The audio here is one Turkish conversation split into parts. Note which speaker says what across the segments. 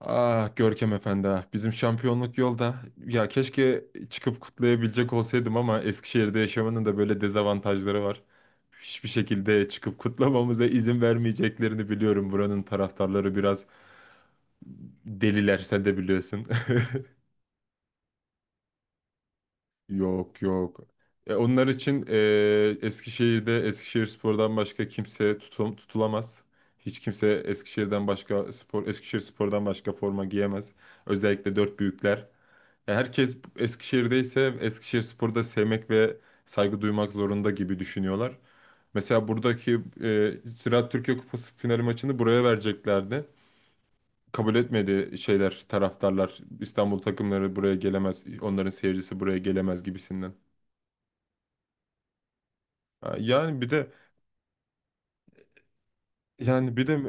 Speaker 1: Ah Görkem Efendi, bizim şampiyonluk yolda. Ya keşke çıkıp kutlayabilecek olsaydım ama Eskişehir'de yaşamanın da böyle dezavantajları var. Hiçbir şekilde çıkıp kutlamamıza izin vermeyeceklerini biliyorum. Buranın taraftarları biraz deliler, sen de biliyorsun. Yok, yok. E, onlar için e, Eskişehir'de Eskişehirspor'dan başka kimse tutulamaz. Hiç kimse Eskişehir'den başka Eskişehirspor'dan başka forma giyemez. Özellikle dört büyükler. Herkes Eskişehir'deyse Eskişehirspor'da sevmek ve saygı duymak zorunda gibi düşünüyorlar. Mesela buradaki Ziraat Türkiye Kupası finali maçını buraya vereceklerdi. Kabul etmedi şeyler, taraftarlar. İstanbul takımları buraya gelemez, onların seyircisi buraya gelemez gibisinden. Ha, yani bir de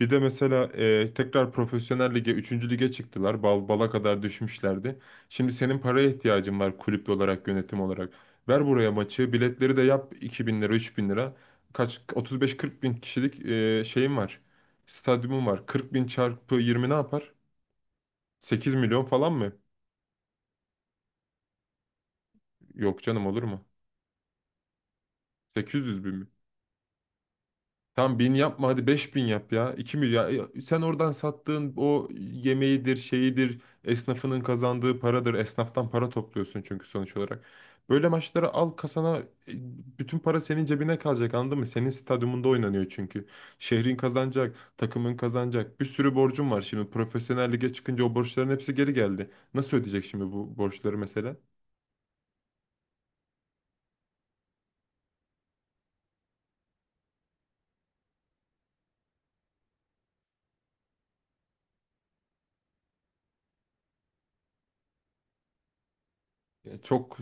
Speaker 1: bir de mesela tekrar profesyonel lige, üçüncü lige çıktılar. Bala kadar düşmüşlerdi. Şimdi senin paraya ihtiyacın var kulüp olarak, yönetim olarak. Ver buraya maçı, biletleri de yap 2.000 lira, 3.000 lira. Kaç 35-40 bin kişilik şeyim var. Stadyumum var. 40 bin çarpı 20 ne yapar? 8 milyon falan mı? Yok canım, olur mu? 800 bin mi? Tam bin yapma, hadi 5.000 yap ya. 2 milyar. Sen oradan sattığın o yemeğidir, şeyidir, esnafının kazandığı paradır. Esnaftan para topluyorsun çünkü sonuç olarak. Böyle maçları al kasana, e, bütün para senin cebine kalacak, anladın mı? Senin stadyumunda oynanıyor çünkü. Şehrin kazanacak, takımın kazanacak. Bir sürü borcun var şimdi. Profesyonel lige çıkınca o borçların hepsi geri geldi. Nasıl ödeyecek şimdi bu borçları mesela? E, Çok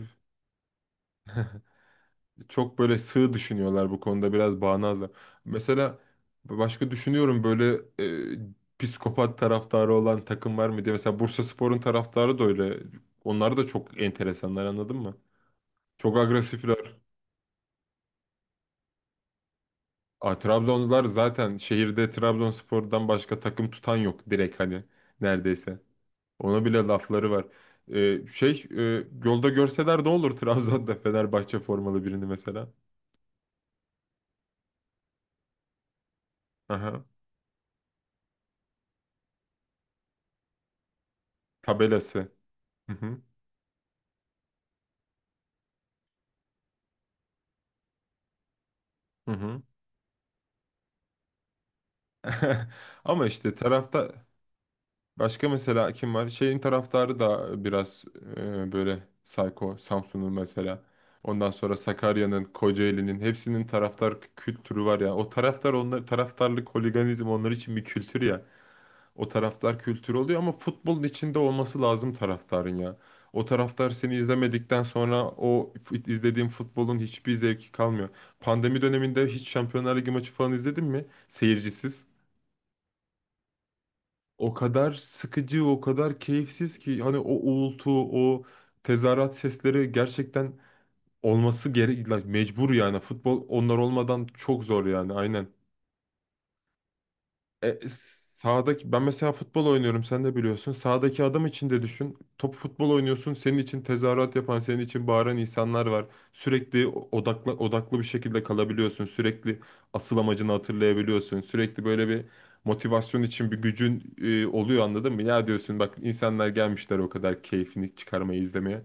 Speaker 1: çok böyle sığ düşünüyorlar bu konuda, biraz bağnazlar. Mesela başka düşünüyorum böyle, psikopat taraftarı olan takım var mı diye. Mesela Bursaspor'un taraftarı da öyle. Onlar da çok enteresanlar, anladın mı? Çok agresifler. Aa, Trabzonlular zaten şehirde Trabzonspor'dan başka takım tutan yok, direkt hani neredeyse. Ona bile lafları var. Yolda görseler ne olur Trabzon'da Fenerbahçe formalı birini mesela. Aha. Tabelası. Hı hı. Hı hı. Ama işte tarafta başka mesela kim var? Şeyin taraftarı da biraz, böyle sayko, Samsun'un mesela. Ondan sonra Sakarya'nın, Kocaeli'nin hepsinin taraftar kültürü var ya. O taraftar onlar taraftarlık, holiganizm onlar için bir kültür ya. O taraftar kültürü oluyor ama futbolun içinde olması lazım taraftarın ya. O taraftar seni izlemedikten sonra izlediğin futbolun hiçbir zevki kalmıyor. Pandemi döneminde hiç Şampiyonlar Ligi maçı falan izledin mi? Seyircisiz. O kadar sıkıcı, o kadar keyifsiz ki hani o uğultu, o tezahürat sesleri gerçekten olması gerek, mecbur yani. Futbol onlar olmadan çok zor yani, aynen. E, Sağdaki ben mesela futbol oynuyorum, sen de biliyorsun. Sağdaki adam için de düşün. Top futbol oynuyorsun. Senin için tezahürat yapan, senin için bağıran insanlar var. Sürekli odaklı odaklı bir şekilde kalabiliyorsun. Sürekli asıl amacını hatırlayabiliyorsun. Sürekli böyle bir motivasyon için bir gücün oluyor, anladın mı? Ya diyorsun bak, insanlar gelmişler o kadar keyfini çıkarmayı izlemeye.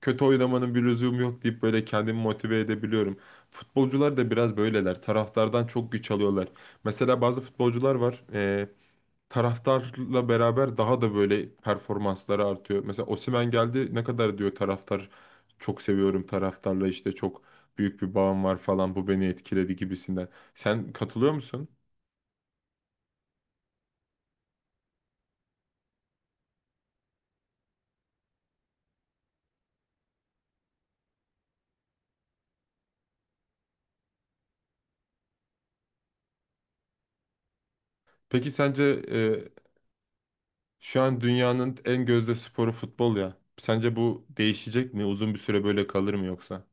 Speaker 1: Kötü oynamanın bir lüzumu yok deyip böyle kendimi motive edebiliyorum. Futbolcular da biraz böyleler. Taraftardan çok güç alıyorlar. Mesela bazı futbolcular var. Taraftarla beraber daha da böyle performansları artıyor. Mesela Osimhen geldi, ne kadar diyor taraftar çok seviyorum taraftarla işte, çok büyük bir bağım var falan, bu beni etkiledi gibisinden. Sen katılıyor musun? Peki sence e, şu an dünyanın en gözde sporu futbol ya. Sence bu değişecek mi? Uzun bir süre böyle kalır mı yoksa?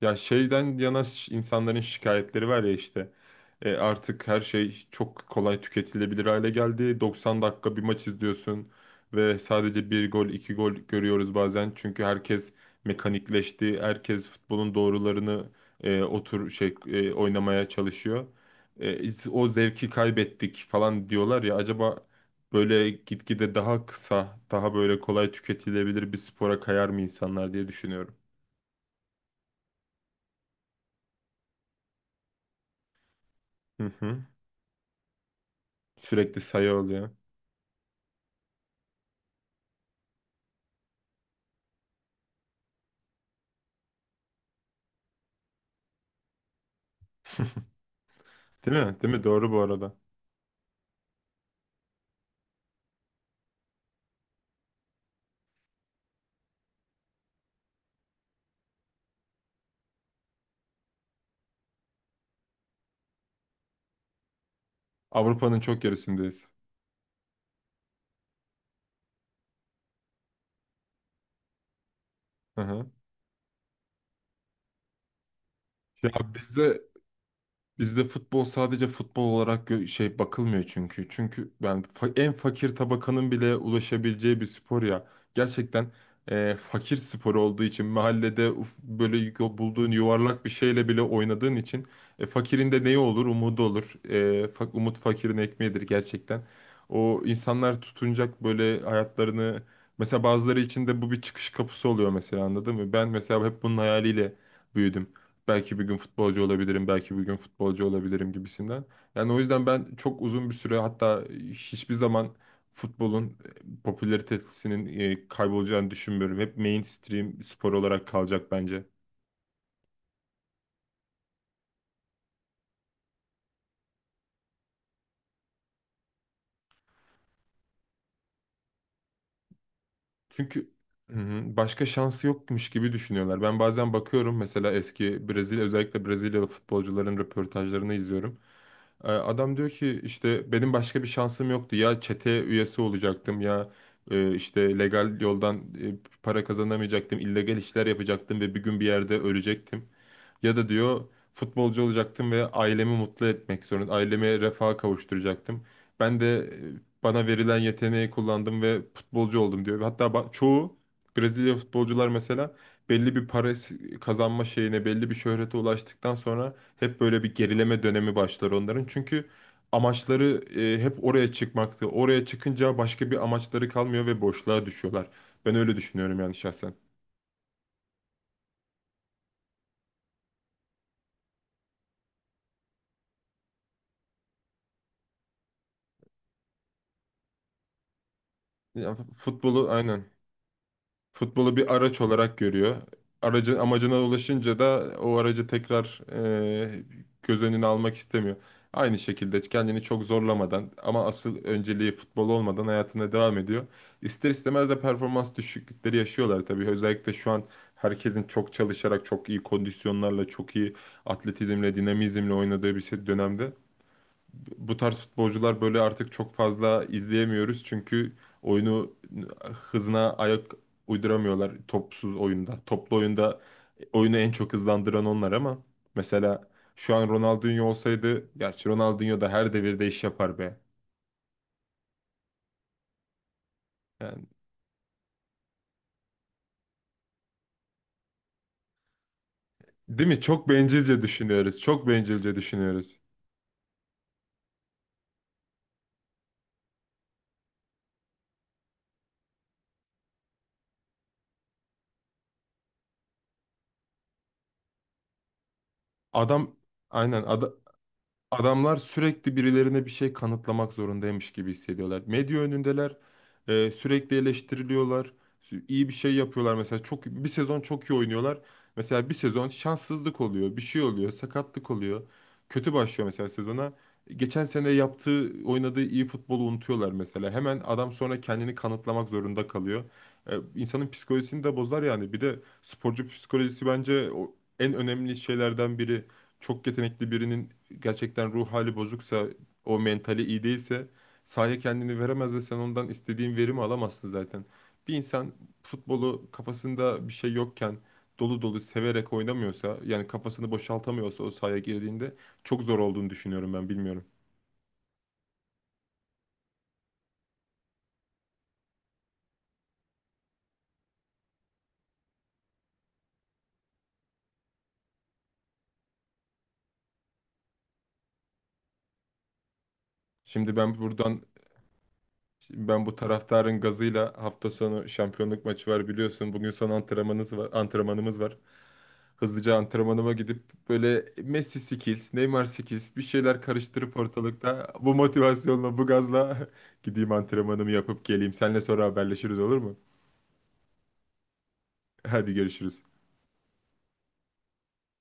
Speaker 1: İnsanların şikayetleri var ya işte. Artık her şey çok kolay tüketilebilir hale geldi. 90 dakika bir maç izliyorsun ve sadece bir gol iki gol görüyoruz bazen. Çünkü herkes mekanikleşti. Herkes futbolun doğrularını oynamaya çalışıyor. O zevki kaybettik falan diyorlar ya, acaba böyle gitgide daha kısa daha böyle kolay tüketilebilir bir spora kayar mı insanlar diye düşünüyorum. Hı hı. Sürekli sayı oluyor. Değil mi? Değil mi? Doğru bu arada. Avrupa'nın çok gerisindeyiz. Hı hı. Ya bizde bizde futbol sadece futbol olarak bakılmıyor çünkü. Çünkü en fakir tabakanın bile ulaşabileceği bir spor ya. Gerçekten fakir sporu olduğu için mahallede bulduğun yuvarlak bir şeyle bile oynadığın için fakirin de neyi olur? Umudu olur. Umut fakirin ekmeğidir gerçekten. O insanlar tutunacak böyle hayatlarını, mesela bazıları için de bu bir çıkış kapısı oluyor mesela, anladın mı? Ben mesela hep bunun hayaliyle büyüdüm, belki bir gün futbolcu olabilirim, belki bir gün futbolcu olabilirim gibisinden. Yani o yüzden ben çok uzun bir süre, hatta hiçbir zaman futbolun popülaritesinin kaybolacağını düşünmüyorum. Hep mainstream spor olarak kalacak bence. Çünkü hı hı, başka şansı yokmuş gibi düşünüyorlar. Ben bazen bakıyorum mesela, eski Brezilya özellikle Brezilyalı futbolcuların röportajlarını izliyorum. Adam diyor ki işte benim başka bir şansım yoktu. Ya çete üyesi olacaktım ya işte legal yoldan para kazanamayacaktım. İllegal işler yapacaktım ve bir gün bir yerde ölecektim. Ya da diyor futbolcu olacaktım ve ailemi mutlu etmek zorunda. Ailemi refaha kavuşturacaktım. Ben de bana verilen yeteneği kullandım ve futbolcu oldum diyor. Hatta çoğu Brezilya futbolcular mesela belli bir kazanma şeyine, belli bir şöhrete ulaştıktan sonra hep böyle bir gerileme dönemi başlar onların. Çünkü amaçları hep oraya çıkmaktı. Oraya çıkınca başka bir amaçları kalmıyor ve boşluğa düşüyorlar. Ben öyle düşünüyorum yani şahsen. Ya, futbolu aynen. Futbolu bir araç olarak görüyor. Aracın amacına ulaşınca da o aracı tekrar e, göz önüne almak istemiyor. Aynı şekilde kendini çok zorlamadan ama asıl önceliği futbol olmadan hayatına devam ediyor. İster istemez de performans düşüklükleri yaşıyorlar tabii. Özellikle şu an herkesin çok çalışarak, çok iyi kondisyonlarla, çok iyi atletizmle, dinamizmle oynadığı bir dönemde bu tarz futbolcular böyle artık çok fazla izleyemiyoruz. Çünkü oyunu hızına ayak uyduramıyorlar topsuz oyunda. Toplu oyunda oyunu en çok hızlandıran onlar ama mesela şu an Ronaldinho olsaydı, gerçi Ronaldinho da her devirde iş yapar be. Yani değil mi? Çok bencilce düşünüyoruz. Çok bencilce düşünüyoruz. Adam aynen ada- Adamlar sürekli birilerine bir şey kanıtlamak zorundaymış gibi hissediyorlar. Medya önündeler, sürekli eleştiriliyorlar, iyi bir şey yapıyorlar. Mesela bir sezon çok iyi oynuyorlar. Mesela bir sezon şanssızlık oluyor, bir şey oluyor, sakatlık oluyor. Kötü başlıyor mesela sezona. Geçen sene yaptığı, oynadığı iyi futbolu unutuyorlar mesela. Hemen adam sonra kendini kanıtlamak zorunda kalıyor. İnsanın psikolojisini de bozar yani. Bir de sporcu psikolojisi bence o en önemli şeylerden biri, çok yetenekli birinin gerçekten ruh hali bozuksa, o mentali iyi değilse sahaya kendini veremez ve sen ondan istediğin verimi alamazsın zaten. Bir insan futbolu kafasında bir şey yokken dolu dolu severek oynamıyorsa, yani kafasını boşaltamıyorsa, o sahaya girdiğinde çok zor olduğunu düşünüyorum, ben bilmiyorum. Şimdi ben bu taraftarın gazıyla hafta sonu şampiyonluk maçı var, biliyorsun. Bugün son antrenmanımız var, antrenmanımız var. Hızlıca antrenmanıma gidip böyle Messi skills, Neymar skills bir şeyler karıştırıp ortalıkta bu motivasyonla, bu gazla gideyim antrenmanımı yapıp geleyim. Seninle sonra haberleşiriz, olur mu? Hadi görüşürüz.